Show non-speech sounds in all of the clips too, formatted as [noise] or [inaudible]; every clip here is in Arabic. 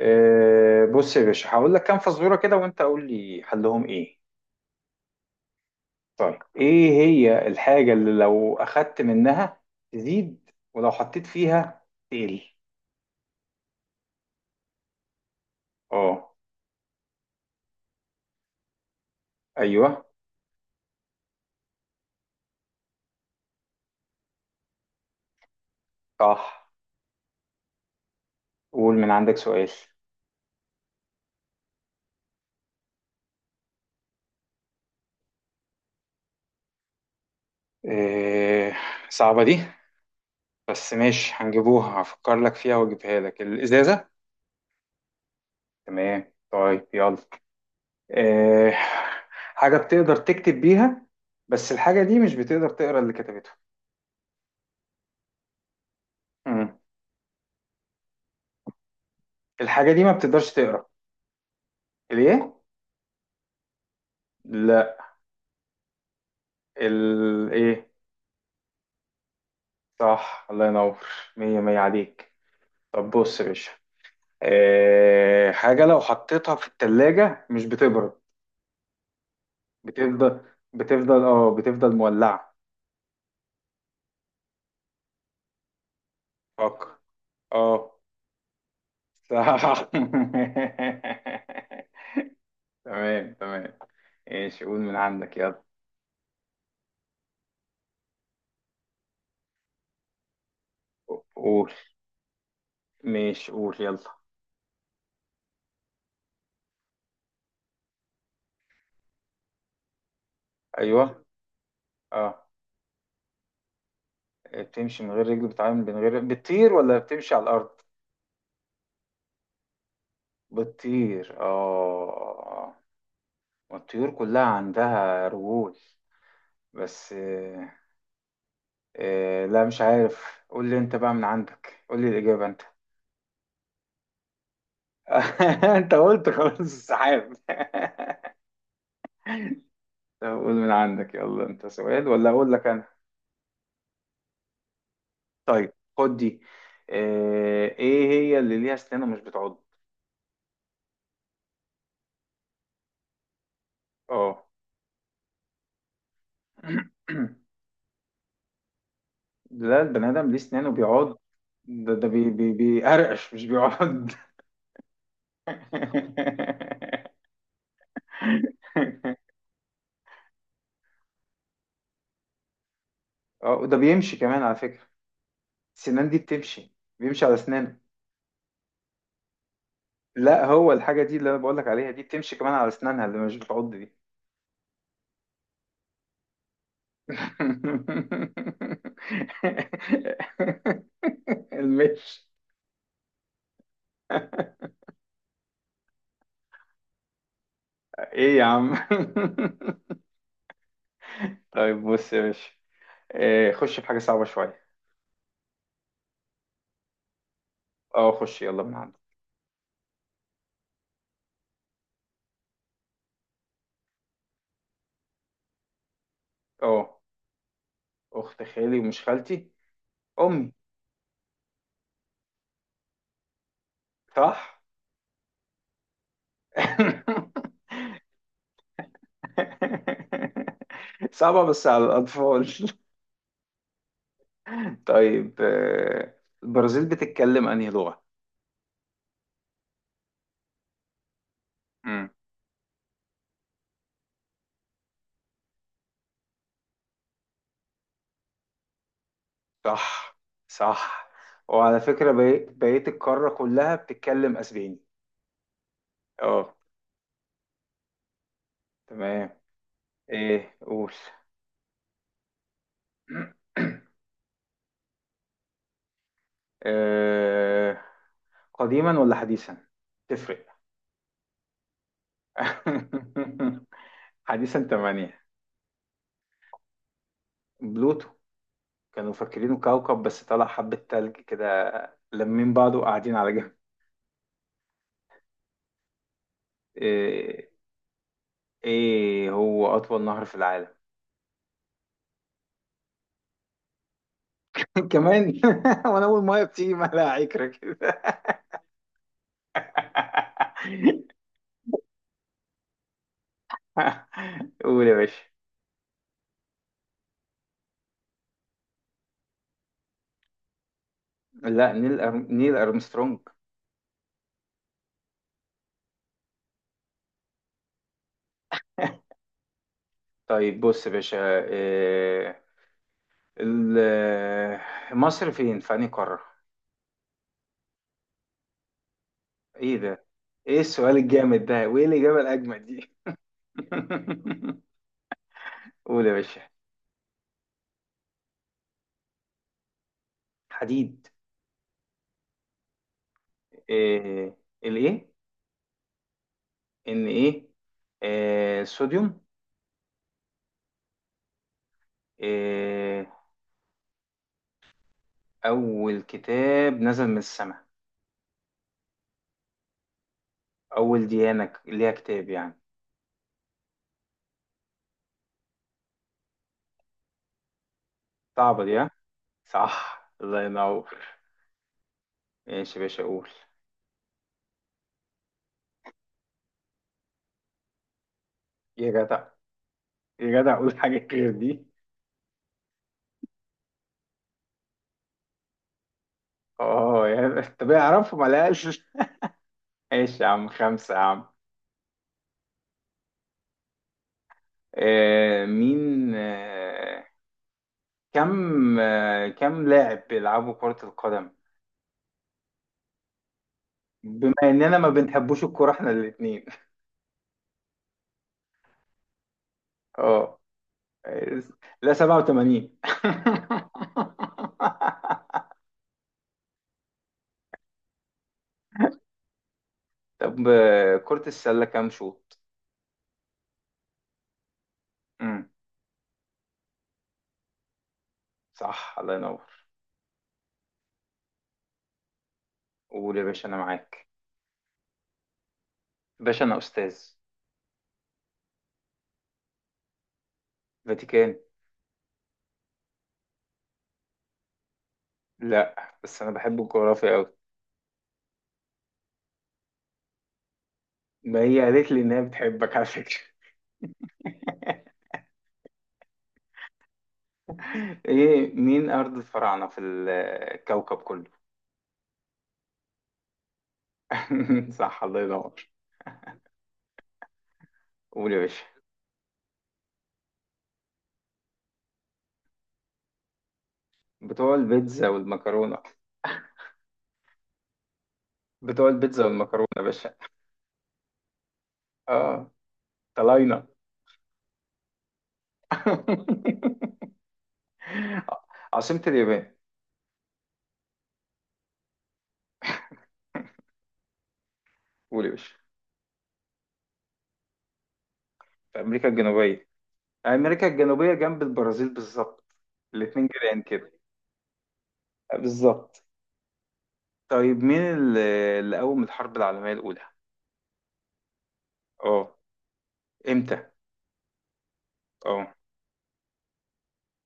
بص يا باشا، هقول لك كام فزوره كده وانت قول لي حلهم ايه. طيب، ايه هي الحاجه اللي لو اخدت منها تزيد ولو حطيت فيها تقل؟ اه. ايوه. صح. قول من عندك سؤال. إيه؟ صعبه دي، بس ماشي هنجيبوها، هفكر لك فيها واجيبها لك الازازه. تمام، طيب يلا. إيه؟ حاجه بتقدر تكتب بيها، بس الحاجه دي مش بتقدر تقرا اللي كتبته. مم. الحاجه دي ما بتقدرش تقرا. الايه؟ لا. الايه؟ صح، الله ينور. مية مية عليك. طب بص يا باشا، حاجة لو حطيتها في التلاجة مش بتبرد. بتفضل. بتفضل مولعة. فكر. اه. صح. [laughs] تمام تمام. ايش؟ قول من عندك يلا. قول. ماشي، قول يلا. ايوه. اه. بتمشي من غير رجل، بتعامل من غير، بتطير ولا بتمشي على الارض؟ بتطير، اه، والطيور كلها عندها رجول، بس لا، مش عارف، قول لي انت بقى من عندك، قول لي الإجابة انت. [laughs] انت قلت خلاص، السحاب. [laughs] طب قول من عندك يلا، انت سؤال ولا اقول لك انا؟ طيب خد دي، ايه هي اللي ليها اسنان ومش بتعض؟ اه. [clears throat] لا، البني ادم ليه اسنان وبيعض. ده ده بي بي بيقرقش، مش بيعض. [laughs] اه، وده بيمشي كمان على فكرة. سنان دي بيمشي على اسنانه. لا، هو الحاجه دي اللي انا بقول لك عليها دي بتمشي كمان على اسنانها اللي مش بتعض دي. [laughs] المش. [laughs] ايه يا عم؟ [laughs] طيب بص يا باشا، إيه، خش في حاجه صعبه شويه. اه، خش يلا من عندك. اه، اخت خالي ومش خالتي، امي. صح. [laughs] صعبه بس على الاطفال. [laughs] طيب، البرازيل بتتكلم انهي لغه؟ امم. صح. صح. وعلى فكرة، بقيت القارة كلها بتتكلم اسباني. اه. تمام. ايه؟ قول. [clears throat] آه، قديما ولا حديثا؟ تفرق. [laughs] حديثا تمانية. بلوتو. كانوا فاكرينه كوكب بس طلع حبة تلج كده لمين بعضه وقاعدين على جنب. ايه؟ إيه هو أطول نهر في العالم؟ [laughs] كمان [laughs] وأنا أول مية بتيجي مالها عكرة كده. [laughs] [laughs] قول يا باشا. لا، نيل أرمسترونج. طيب بص يا باشا، إيه، مصر فين، في أنهي قارة؟ ايه ده؟ ايه السؤال الجامد ده وايه الإجابة الأجمد دي؟ [laughs] قول يا باشا. حديد. إيه، الايه؟ ان ايه؟ إيه، صوديوم. إيه، أول كتاب نزل من السماء. أول ديانة ليها كتاب يعني. صعبة دي، ها. صح، الله ينور. ماشي يا باشا، قول. يا جدع، يا جدع، قول حاجة غير دي. اه، يا طب اعرفه ما لقاش. ايش يا عم؟ خمسة يا عم. آه مين آه كم آه كم لاعب بيلعبوا كرة القدم؟ بما اننا ما بنحبوش الكرة احنا الاتنين. اه آه، لا، 87. [laughs] طب، كرة السلة كام شوط؟ امم. صح، الله ينور. قول يا باشا، انا معاك. باشا انا استاذ. فاتيكان. لا، بس انا بحب الجغرافيا قوي. ما هي قالت لي إنها بتحبك على فكرة. [laughs] إيه، مين أرض الفراعنة في الكوكب كله؟ [laughs] صح، الله ينور. قول يا باشا. بتوع البيتزا والمكرونة. بتوع البيتزا والمكرونة يا باشا. آه، طلعنا. [laughs] عاصمة اليابان. قول يا باشا. في أمريكا الجنوبية. أمريكا الجنوبية جنب البرازيل بالظبط، الاتنين جيران كده. بالظبط. طيب، مين اللي، قوم الحرب العالمية الأولى؟ اه. امتى؟ اه.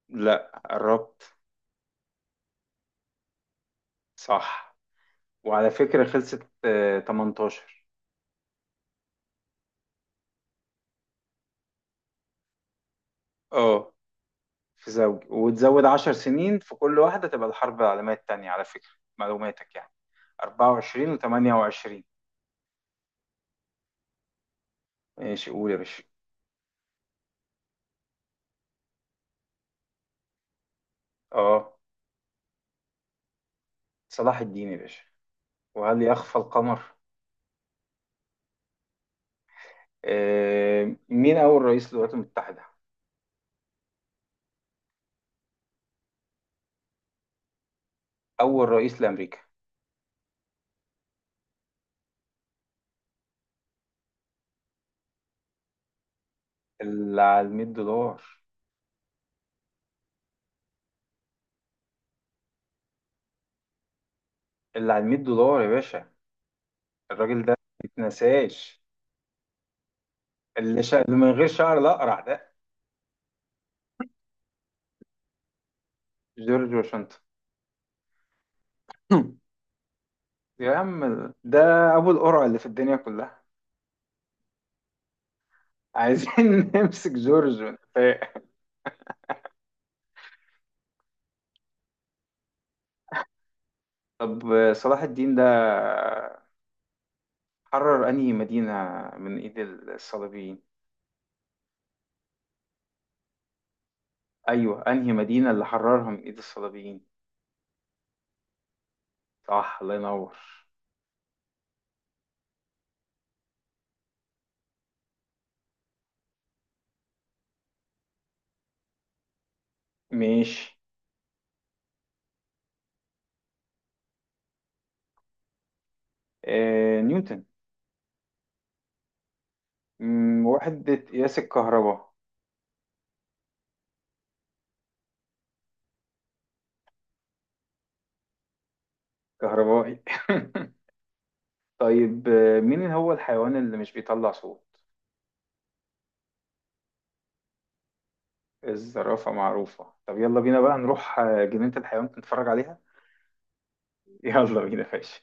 لا، قربت. صح. وعلى فكرة خلصت 18. اه. في زوج وتزود 10 سنين في كل واحدة تبقى الحرب العالمية التانية على فكرة. معلوماتك يعني. 24 و28. ماشي، قول يا باشا. اه. صلاح الدين يا باشا، وهل يخفى القمر. مين أول رئيس للولايات المتحدة؟ أول رئيس لأمريكا. اللي على 100 دولار. اللي على 100 دولار يا باشا. الراجل ده ما يتنساش، اللي من غير شعر، الأقرع ده. جورج واشنطن. [laughs] يا عم، ده ابو القرع اللي في الدنيا كلها. عايزين [laughs] نمسك جورج من قفاه. طب، صلاح الدين ده حرر انهي مدينة من ايد الصليبيين؟ ايوه، انهي مدينة اللي حررها من ايد الصليبيين. صح، الله ينور. ماشي. نيوتن. مم، وحدة قياس الكهرباء. كهربائي. [laughs] طيب، مين هو الحيوان اللي مش بيطلع صوت؟ الزرافة معروفة. طب يلا بينا بقى نروح جنينة الحيوان نتفرج عليها. يلا بينا يا باشا.